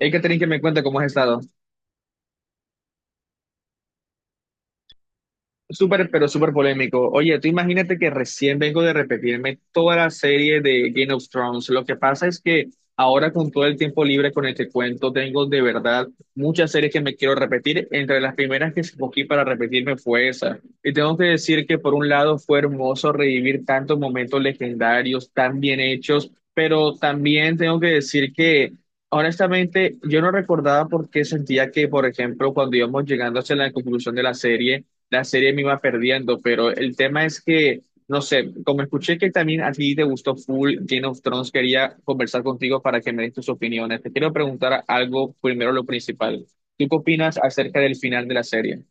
Hay que tener que me cuenta cómo has estado. Súper, pero súper polémico. Oye, tú imagínate que recién vengo de repetirme toda la serie de Game of Thrones. Lo que pasa es que ahora con todo el tiempo libre con este cuento, tengo de verdad muchas series que me quiero repetir. Entre las primeras que escogí para repetirme fue esa. Y tengo que decir que por un lado fue hermoso revivir tantos momentos legendarios, tan bien hechos, pero también tengo que decir que... Honestamente, yo no recordaba por qué sentía que, por ejemplo, cuando íbamos llegando hacia la conclusión de la serie me iba perdiendo, pero el tema es que, no sé, como escuché que también a ti te gustó full Game of Thrones, quería conversar contigo para que me des tus opiniones. Te quiero preguntar algo primero, lo principal. ¿Tú qué opinas acerca del final de la serie?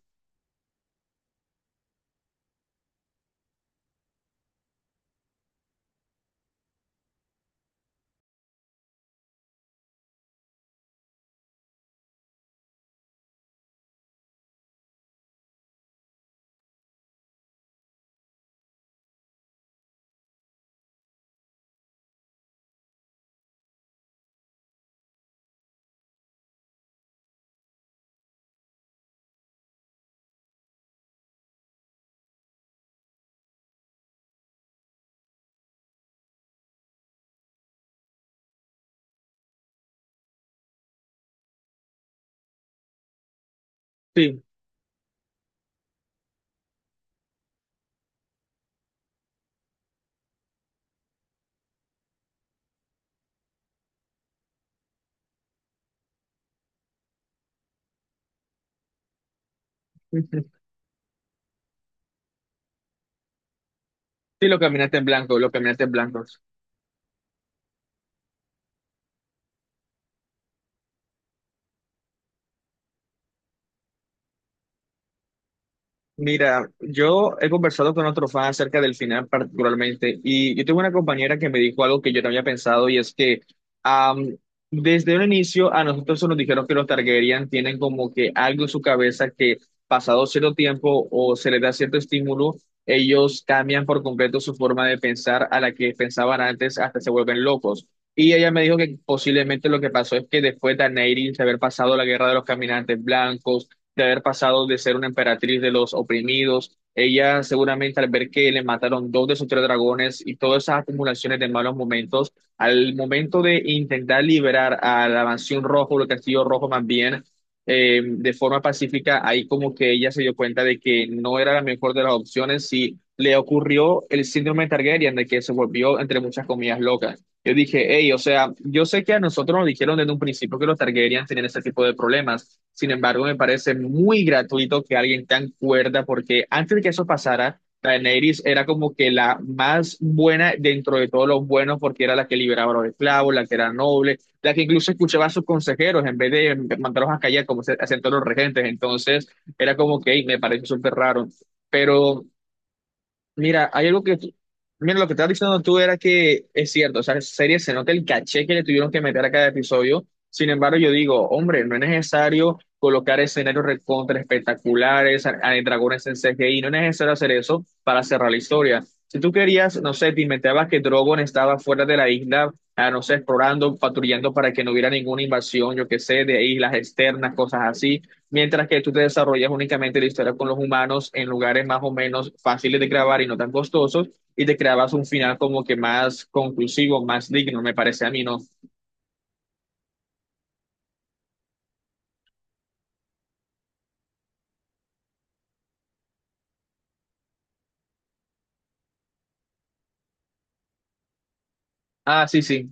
Sí. Sí, lo caminaste en blanco, lo caminaste en blanco. Mira, yo he conversado con otro fan acerca del final particularmente y yo tuve una compañera que me dijo algo que yo no había pensado y es que am, desde un inicio a nosotros se nos dijeron que los Targaryen tienen como que algo en su cabeza que pasado cierto tiempo o se les da cierto estímulo, ellos cambian por completo su forma de pensar a la que pensaban antes hasta se vuelven locos. Y ella me dijo que posiblemente lo que pasó es que después de Daenerys haber pasado la guerra de los caminantes blancos, de haber pasado de ser una emperatriz de los oprimidos. Ella seguramente al ver que le mataron dos de sus tres dragones y todas esas acumulaciones de malos momentos, al momento de intentar liberar a la mansión rojo, o el castillo rojo más bien, de forma pacífica, ahí como que ella se dio cuenta de que no era la mejor de las opciones y le ocurrió el síndrome Targaryen, de que se volvió, entre muchas comillas, loca. Yo dije, hey, o sea, yo sé que a nosotros nos dijeron desde un principio que los Targaryen tenían ese tipo de problemas. Sin embargo, me parece muy gratuito que alguien tan cuerda, porque antes de que eso pasara, Daenerys era como que la más buena dentro de todos los buenos, porque era la que liberaba a los esclavos, la que era noble, la que incluso escuchaba a sus consejeros en vez de mandarlos a callar como se hacían todos los regentes. Entonces, era como que, hey, me parece súper raro. Pero mira, hay algo que mira, lo que estás diciendo tú era que es cierto, o sea, en serie se nota el caché que le tuvieron que meter a cada episodio. Sin embargo, yo digo, hombre, no es necesario colocar escenarios recontra espectaculares, dragones en CGI, no es necesario hacer eso para cerrar la historia. Si tú querías, no sé, te inventabas que Drogon estaba fuera de la isla, ah, no sé, explorando, patrullando para que no hubiera ninguna invasión, yo qué sé, de islas externas, cosas así mientras que tú te desarrollas únicamente la historia con los humanos en lugares más o menos fáciles de grabar y no tan costosos, y te creabas un final como que más conclusivo, más digno, me parece a mí, ¿no? Ah, sí, sí.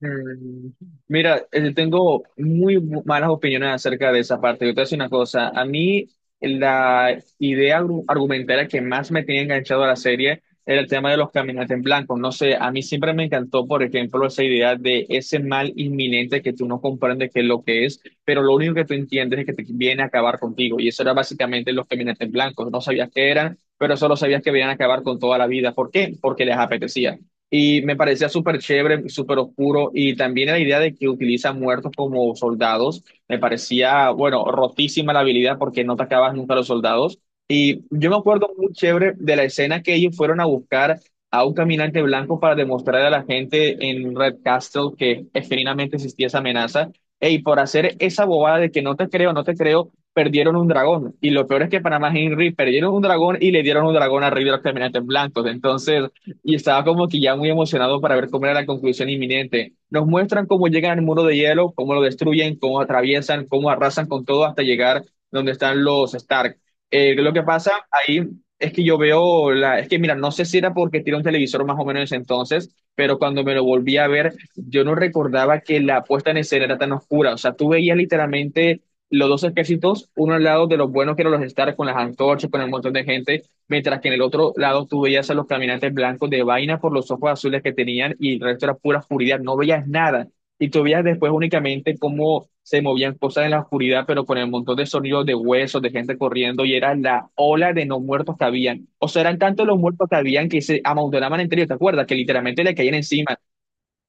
Mm. Mira, tengo muy malas opiniones acerca de esa parte. Yo te voy a decir una cosa. A mí, la idea argumentaria que más me tenía enganchado a la serie era el tema de los caminantes en blanco. No sé, a mí siempre me encantó, por ejemplo, esa idea de ese mal inminente que tú no comprendes qué es lo que es, pero lo único que tú entiendes es que te viene a acabar contigo. Y eso era básicamente los caminantes en blanco. No sabías qué eran, pero solo sabías que venían a acabar con toda la vida. ¿Por qué? Porque les apetecía. Y me parecía súper chévere, súper oscuro. Y también la idea de que utilizan muertos como soldados. Me parecía, bueno, rotísima la habilidad porque no atacabas nunca a los soldados. Y yo me acuerdo muy chévere de la escena que ellos fueron a buscar a un caminante blanco para demostrar a la gente en Red Castle que efectivamente existía esa amenaza. Y por hacer esa bobada de que no te creo, no te creo, perdieron un dragón. Y lo peor es que para más Henry perdieron un dragón y le dieron un dragón a Rey de los Caminantes Blancos. Entonces, y estaba como que ya muy emocionado para ver cómo era la conclusión inminente. Nos muestran cómo llegan al muro de hielo, cómo lo destruyen, cómo atraviesan, cómo arrasan con todo hasta llegar donde están los Stark. Lo que pasa ahí es que yo veo es que mira, no sé si era porque tiene un televisor más o menos en ese entonces, pero cuando me lo volví a ver, yo no recordaba que la puesta en escena era tan oscura. O sea, tú veías literalmente los dos ejércitos, uno al lado de los buenos que eran los Stark con las antorchas, con el montón de gente, mientras que en el otro lado tú veías a los caminantes blancos de vaina por los ojos azules que tenían y el resto era pura oscuridad, no veías nada. Y tú veías después únicamente cómo se movían cosas en la oscuridad, pero con el montón de sonidos de huesos, de gente corriendo, y era la ola de no muertos que habían. O sea, eran tantos los muertos que habían que se amontonaban entre ellos, ¿te acuerdas? Que literalmente le caían encima.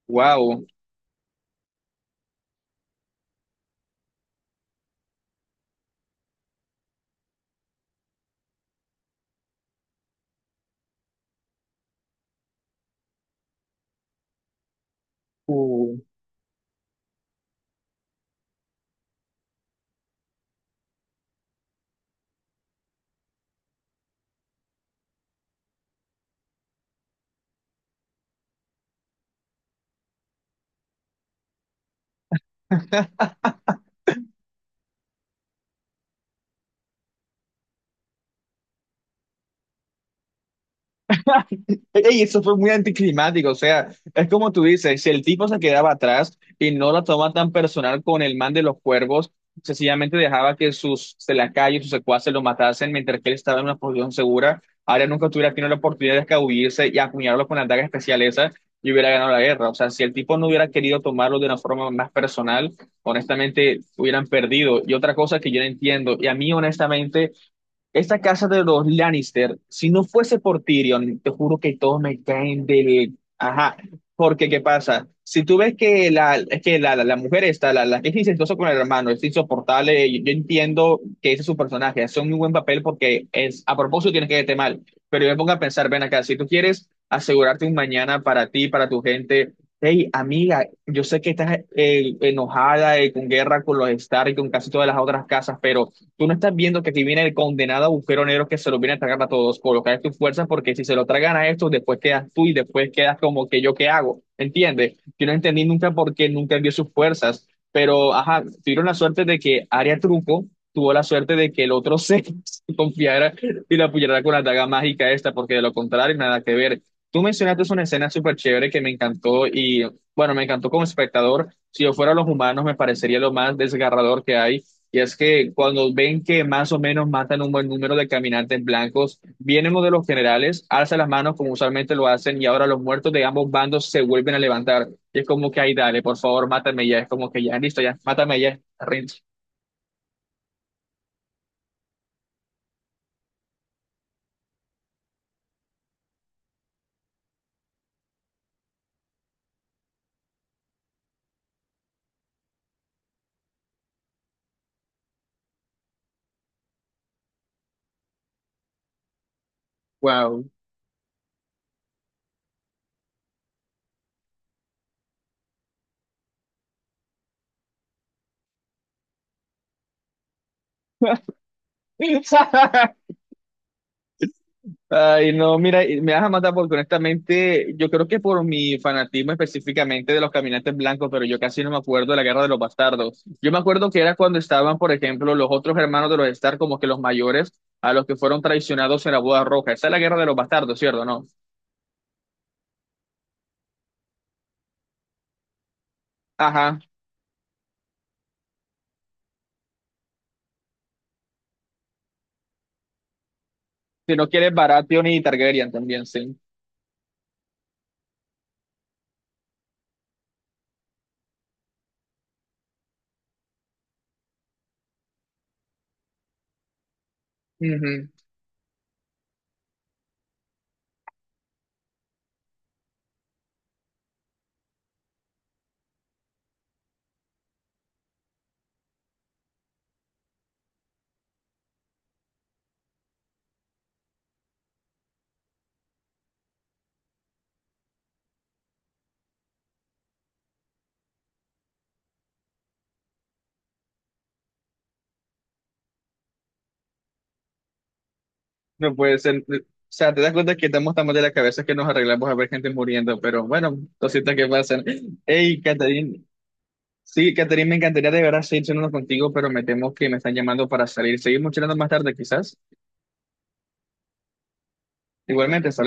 ¡Wow! Uh. Ey, eso fue muy anticlimático, o sea, es como tú dices, si el tipo se quedaba atrás y no la toma tan personal con el man de los cuervos, sencillamente dejaba que sus selacayos, sus secuaces lo matasen mientras que él estaba en una posición segura, ahora nunca tuviera tenido la oportunidad de escabullirse y acuñarlo con la daga especial esa y hubiera ganado la guerra. O sea, si el tipo no hubiera querido tomarlo de una forma más personal, honestamente hubieran perdido. Y otra cosa que yo no entiendo, y a mí honestamente... Esta casa de los Lannister, si no fuese por Tyrion, te juro que todos me caen del... Ajá, porque ¿qué pasa? Si tú ves que es que la mujer está, la que es incestuosa con el hermano, es insoportable, y yo, entiendo que ese es su personaje, hace un muy buen papel porque es, a propósito tienes que verte mal, pero yo me pongo a pensar, ven acá, si tú quieres asegurarte un mañana para ti, para tu gente, hey, amiga, yo sé que estás enojada, con guerra con los Stark y con casi todas las otras casas, pero... Tú no estás viendo que aquí viene el condenado agujero negro que se lo viene a tragar a todos. Colocar tus fuerzas porque si se lo tragan a estos, después quedas tú y después quedas como que yo qué hago. ¿Entiendes? Yo no entendí nunca por qué nunca vio sus fuerzas. Pero, ajá, tuvieron la suerte de que Aria Truco tuvo la suerte de que el otro se, se confiara y la apoyara con la daga mágica esta, porque de lo contrario, nada que ver. Tú mencionaste una escena súper chévere que me encantó y, bueno, me encantó como espectador. Si yo fuera los humanos, me parecería lo más desgarrador que hay y es que cuando ven que más o menos matan un buen número de caminantes blancos, vienen uno de los generales, alza las manos como usualmente lo hacen y ahora los muertos de ambos bandos se vuelven a levantar. Y es como que, ay, dale, por favor, mátame ya. Es como que ya, listo, ya, mátame ya. Rinse. Wow. Ay, no, mira, y me vas a matar porque honestamente yo creo que por mi fanatismo específicamente de los caminantes blancos, pero yo casi no me acuerdo de la Guerra de los Bastardos. Yo me acuerdo que era cuando estaban, por ejemplo, los otros hermanos de los Stark, como que los mayores, a los que fueron traicionados en la Boda Roja. Esa es la Guerra de los Bastardos, ¿cierto? ¿No? Ajá. Si no quieres Baratheon y Targaryen también, sí. Ujú. No puede ser. O sea, te das cuenta que estamos tan mal de la cabeza que nos arreglamos a ver gente muriendo, pero bueno, cositas que pasan. Hey, Catherine. Sí, Catherine, me encantaría de verdad seguir charlando contigo, pero me temo que me están llamando para salir. Seguimos charlando más tarde, quizás. Igualmente, hasta